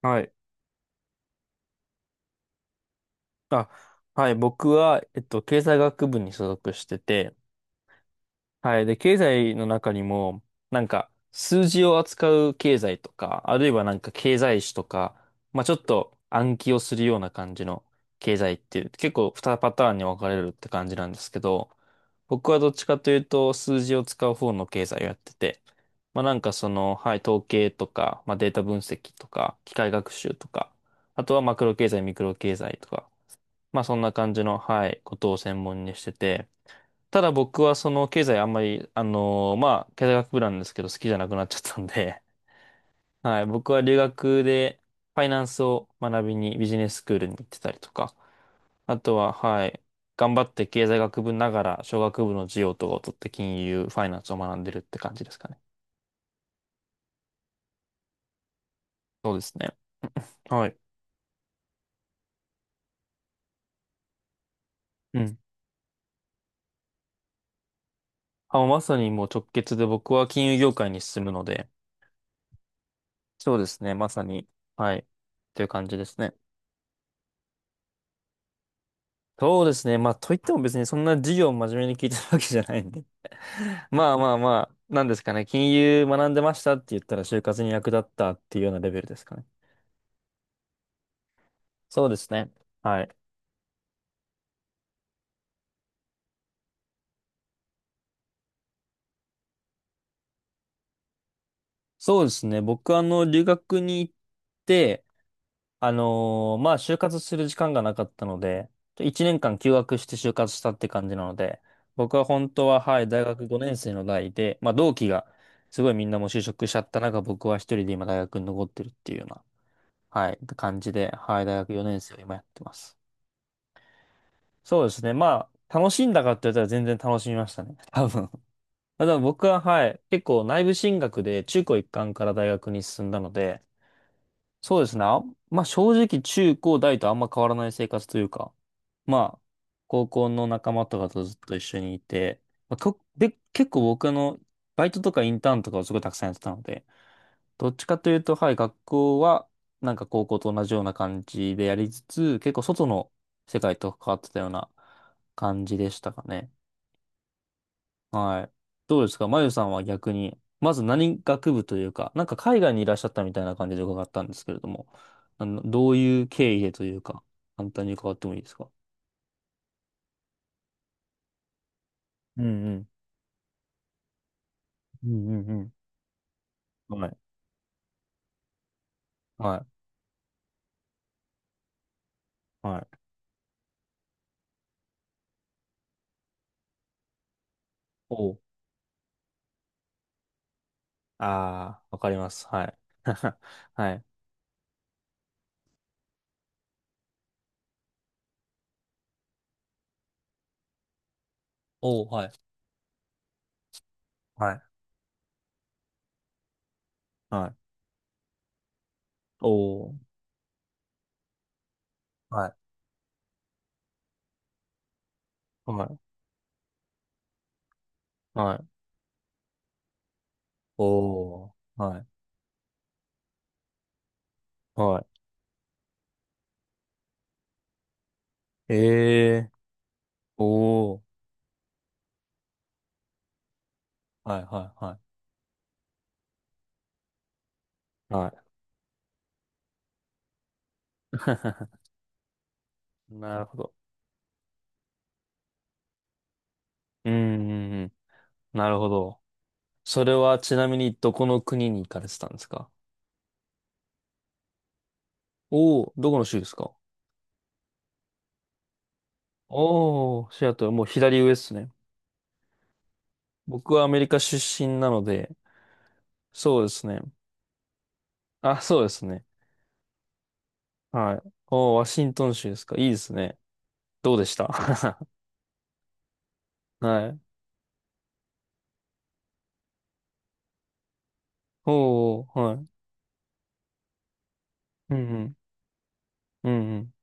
はい。あ、はい。僕は、経済学部に所属してて、はい。で、経済の中にも、なんか、数字を扱う経済とか、あるいはなんか経済史とか、まあちょっと暗記をするような感じの経済っていう、結構2パターンに分かれるって感じなんですけど、僕はどっちかというと、数字を使う方の経済をやってて、まあなんかその、はい、統計とか、まあデータ分析とか、機械学習とか、あとはマクロ経済、ミクロ経済とか、まあそんな感じの、はい、ことを専門にしてて、ただ僕はその経済あんまり、まあ経済学部なんですけど好きじゃなくなっちゃったんで、はい、僕は留学でファイナンスを学びにビジネススクールに行ってたりとか、あとは、はい、頑張って経済学部ながら商学部の授業とかを取って金融、ファイナンスを学んでるって感じですかね。そうですね。はい。うん。あ、まさにもう直結で僕は金融業界に進むので、そうですね、まさに、はい、という感じですね。そうですね。まあ、といっても別にそんな授業を真面目に聞いてるわけじゃないんで。まあまあまあ、なんですかね。金融学んでましたって言ったら就活に役立ったっていうようなレベルですかね。そうですね。はい。そうですね。僕、あの、留学に行って、まあ、就活する時間がなかったので、1年間休学して就活したって感じなので、僕は本当は、はい、大学5年生の代で、まあ、同期が、すごいみんなもう就職しちゃった中、僕は一人で今大学に残ってるっていうようなはい、って感じで、はい、大学4年生を今やってます。そうですね。まあ、楽しんだかって言ったら全然楽しみましたね。多分。ただ僕は、はい、結構内部進学で中高一貫から大学に進んだので、そうですね。あんまあ正直中高大とあんま変わらない生活というか、まあ、高校の仲間とかとずっと一緒にいて、まあ、とで、結構僕あの、バイトとかインターンとかをすごいたくさんやってたので、どっちかというと、はい、学校は、なんか高校と同じような感じでやりつつ、結構外の世界と関わってたような感じでしたかね。はい。どうですか、まゆさんは逆に、まず何学部というか、なんか海外にいらっしゃったみたいな感じで伺ったんですけれども、どういう経緯でというか、簡単に伺ってもいいですか？うんうん。うんうんうん。はい。はい。はい。おう。ああ、わかります。はい。はい。おう、はい。はい。はい。おう。はい。はい。はい。おー。はい。はい。えー。おー。はい、はい、はい。はい。なるほど。うん、うんうん。なるほど。それはちなみにどこの国に行かれてたんですか？おー、どこの州ですか？おー、シアトル、もう左上ですね。僕はアメリカ出身なので、そうですね。あ、そうですね。はい。おー、ワシントン州ですか、いいですね。どうでした？ はい。おー、はい。うんうん。うんうん。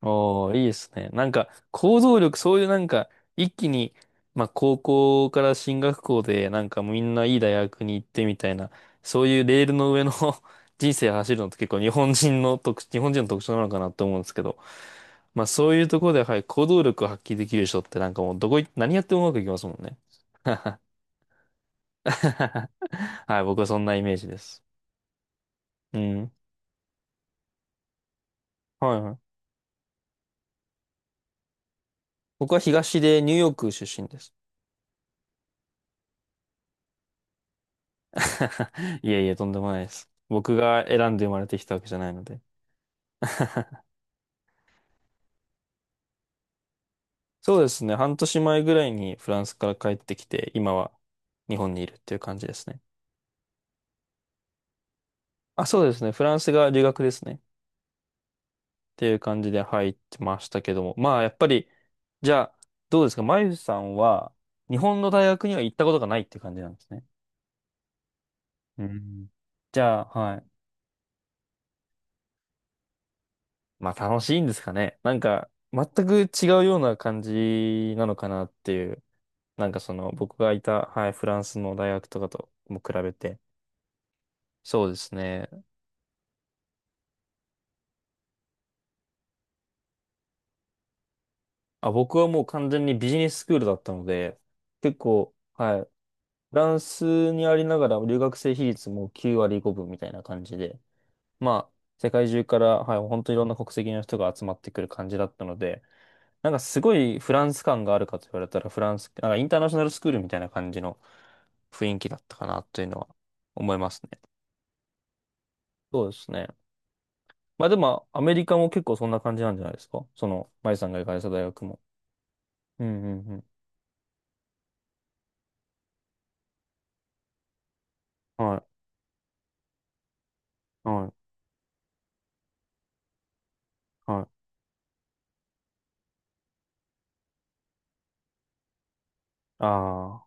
おー、いいですね。なんか、行動力、そういうなんか、一気に、まあ、高校から進学校で、なんかもうみんないい大学に行ってみたいな、そういうレールの上の 人生走るのって結構日本人の特徴なのかなって思うんですけど、まあ、そういうところで、はい、行動力を発揮できる人ってなんかもうどこい、何やってもうまくいきますもんね。はい、僕はそんなイメージです。うん。はいはい。僕はニューヨーク出身です。いえいえ、とんでもないです。僕が選んで生まれてきたわけじゃないので。そうですね。半年前ぐらいにフランスから帰ってきて、今は日本にいるっていう感じですね。あ、そうですね。フランスが留学ですね。っていう感じで入ってましたけども。まあ、やっぱり、じゃあ、どうですか、まゆさんは、日本の大学には行ったことがないっていう感じなんですね。うん。じゃあ、はい。まあ、楽しいんですかね。なんか、全く違うような感じなのかなっていう。なんかその、僕がいた、はい、フランスの大学とかとも比べて。そうですね。あ、僕はもう完全にビジネススクールだったので、結構、はい、フランスにありながら留学生比率も9割5分みたいな感じで、まあ、世界中から、はい、本当いろんな国籍の人が集まってくる感じだったので、なんかすごいフランス感があるかと言われたら、フランス、なんかインターナショナルスクールみたいな感じの雰囲気だったかなというのは思いますね。そうですね。まあでも、アメリカも結構そんな感じなんじゃないですか、その、マイさんが行かれた大学も。うんうんうん。はい、はい、はい。あ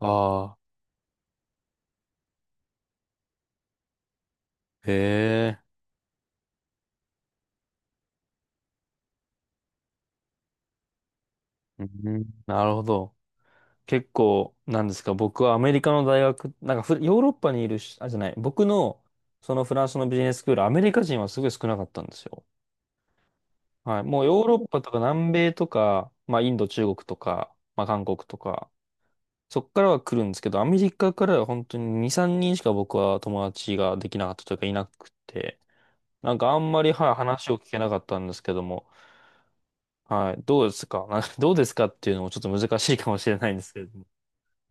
あああ、へえ、あ。うん、なるほど。結構、なんですか、僕はアメリカの大学、なんかフヨーロッパにいるし、あ、じゃない、僕の、そのフランスのビジネススクール、アメリカ人はすごい少なかったんですよ。はい。もうヨーロッパとか南米とか、まあインド、中国とか、まあ韓国とか、そっからは来るんですけど、アメリカからは本当に2、3人しか僕は友達ができなかったというかいなくて、なんかあんまり、はい、話を聞けなかったんですけども、はい、どうですか？ なんかどうですかっていうのもちょっと難しいかもしれないんですけれども。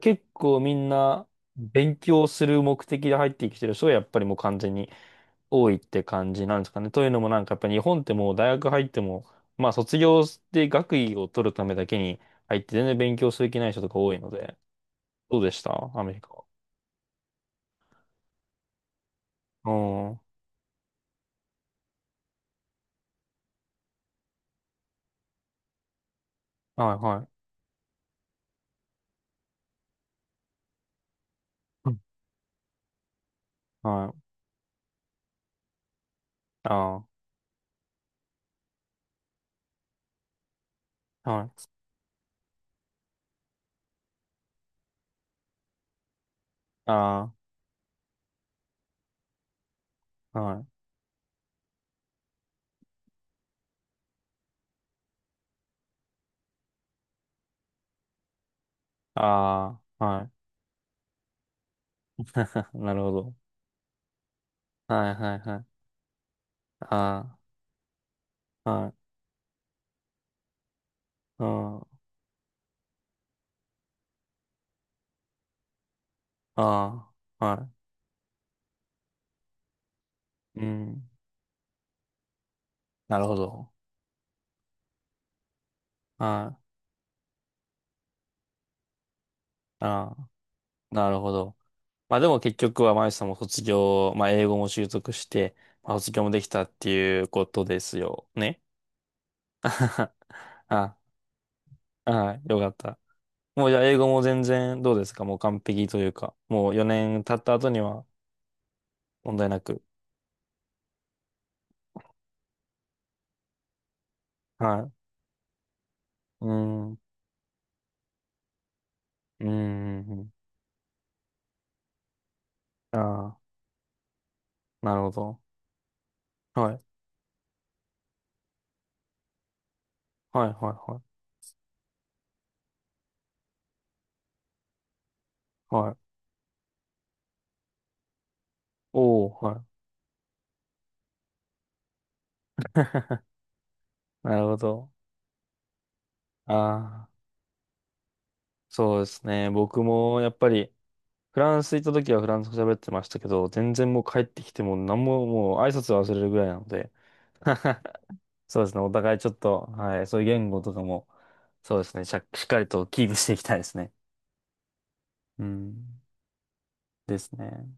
結構みんな勉強する目的で入ってきてる人がやっぱりもう完全に多いって感じなんですかね。というのもなんかやっぱ日本ってもう大学入っても、まあ卒業で学位を取るためだけに入って全然勉強する気ない人とか多いので、どうでしたアメリカは？おー、はいはい。うん、はい。ああ、はい。ああ、はい。ああ、はい。なるほど。はいはいはい。ああ、はい。うん、ああ、はい。うん。なるほど。はい。ああ、なるほど。まあでも結局は、まゆさんも卒業、まあ英語も習得して、まあ卒業もできたっていうことですよね。あ、はい。よかった。もうじゃあ英語も全然どうですか？もう完璧というか、もう4年経った後には、問題なく。はい。うーん。うーん。ああ、なるほど。はい。はい、はい、はい。はい。おー、はい。なるほど。ああ、そうですね。僕もやっぱり、フランス行った時はフランス語喋ってましたけど、全然もう帰ってきても何ももう挨拶忘れるぐらいなので、そうですね。お互いちょっと、はい。そういう言語とかも、そうですね。しっかりとキープしていきたいですね。うん。ですね。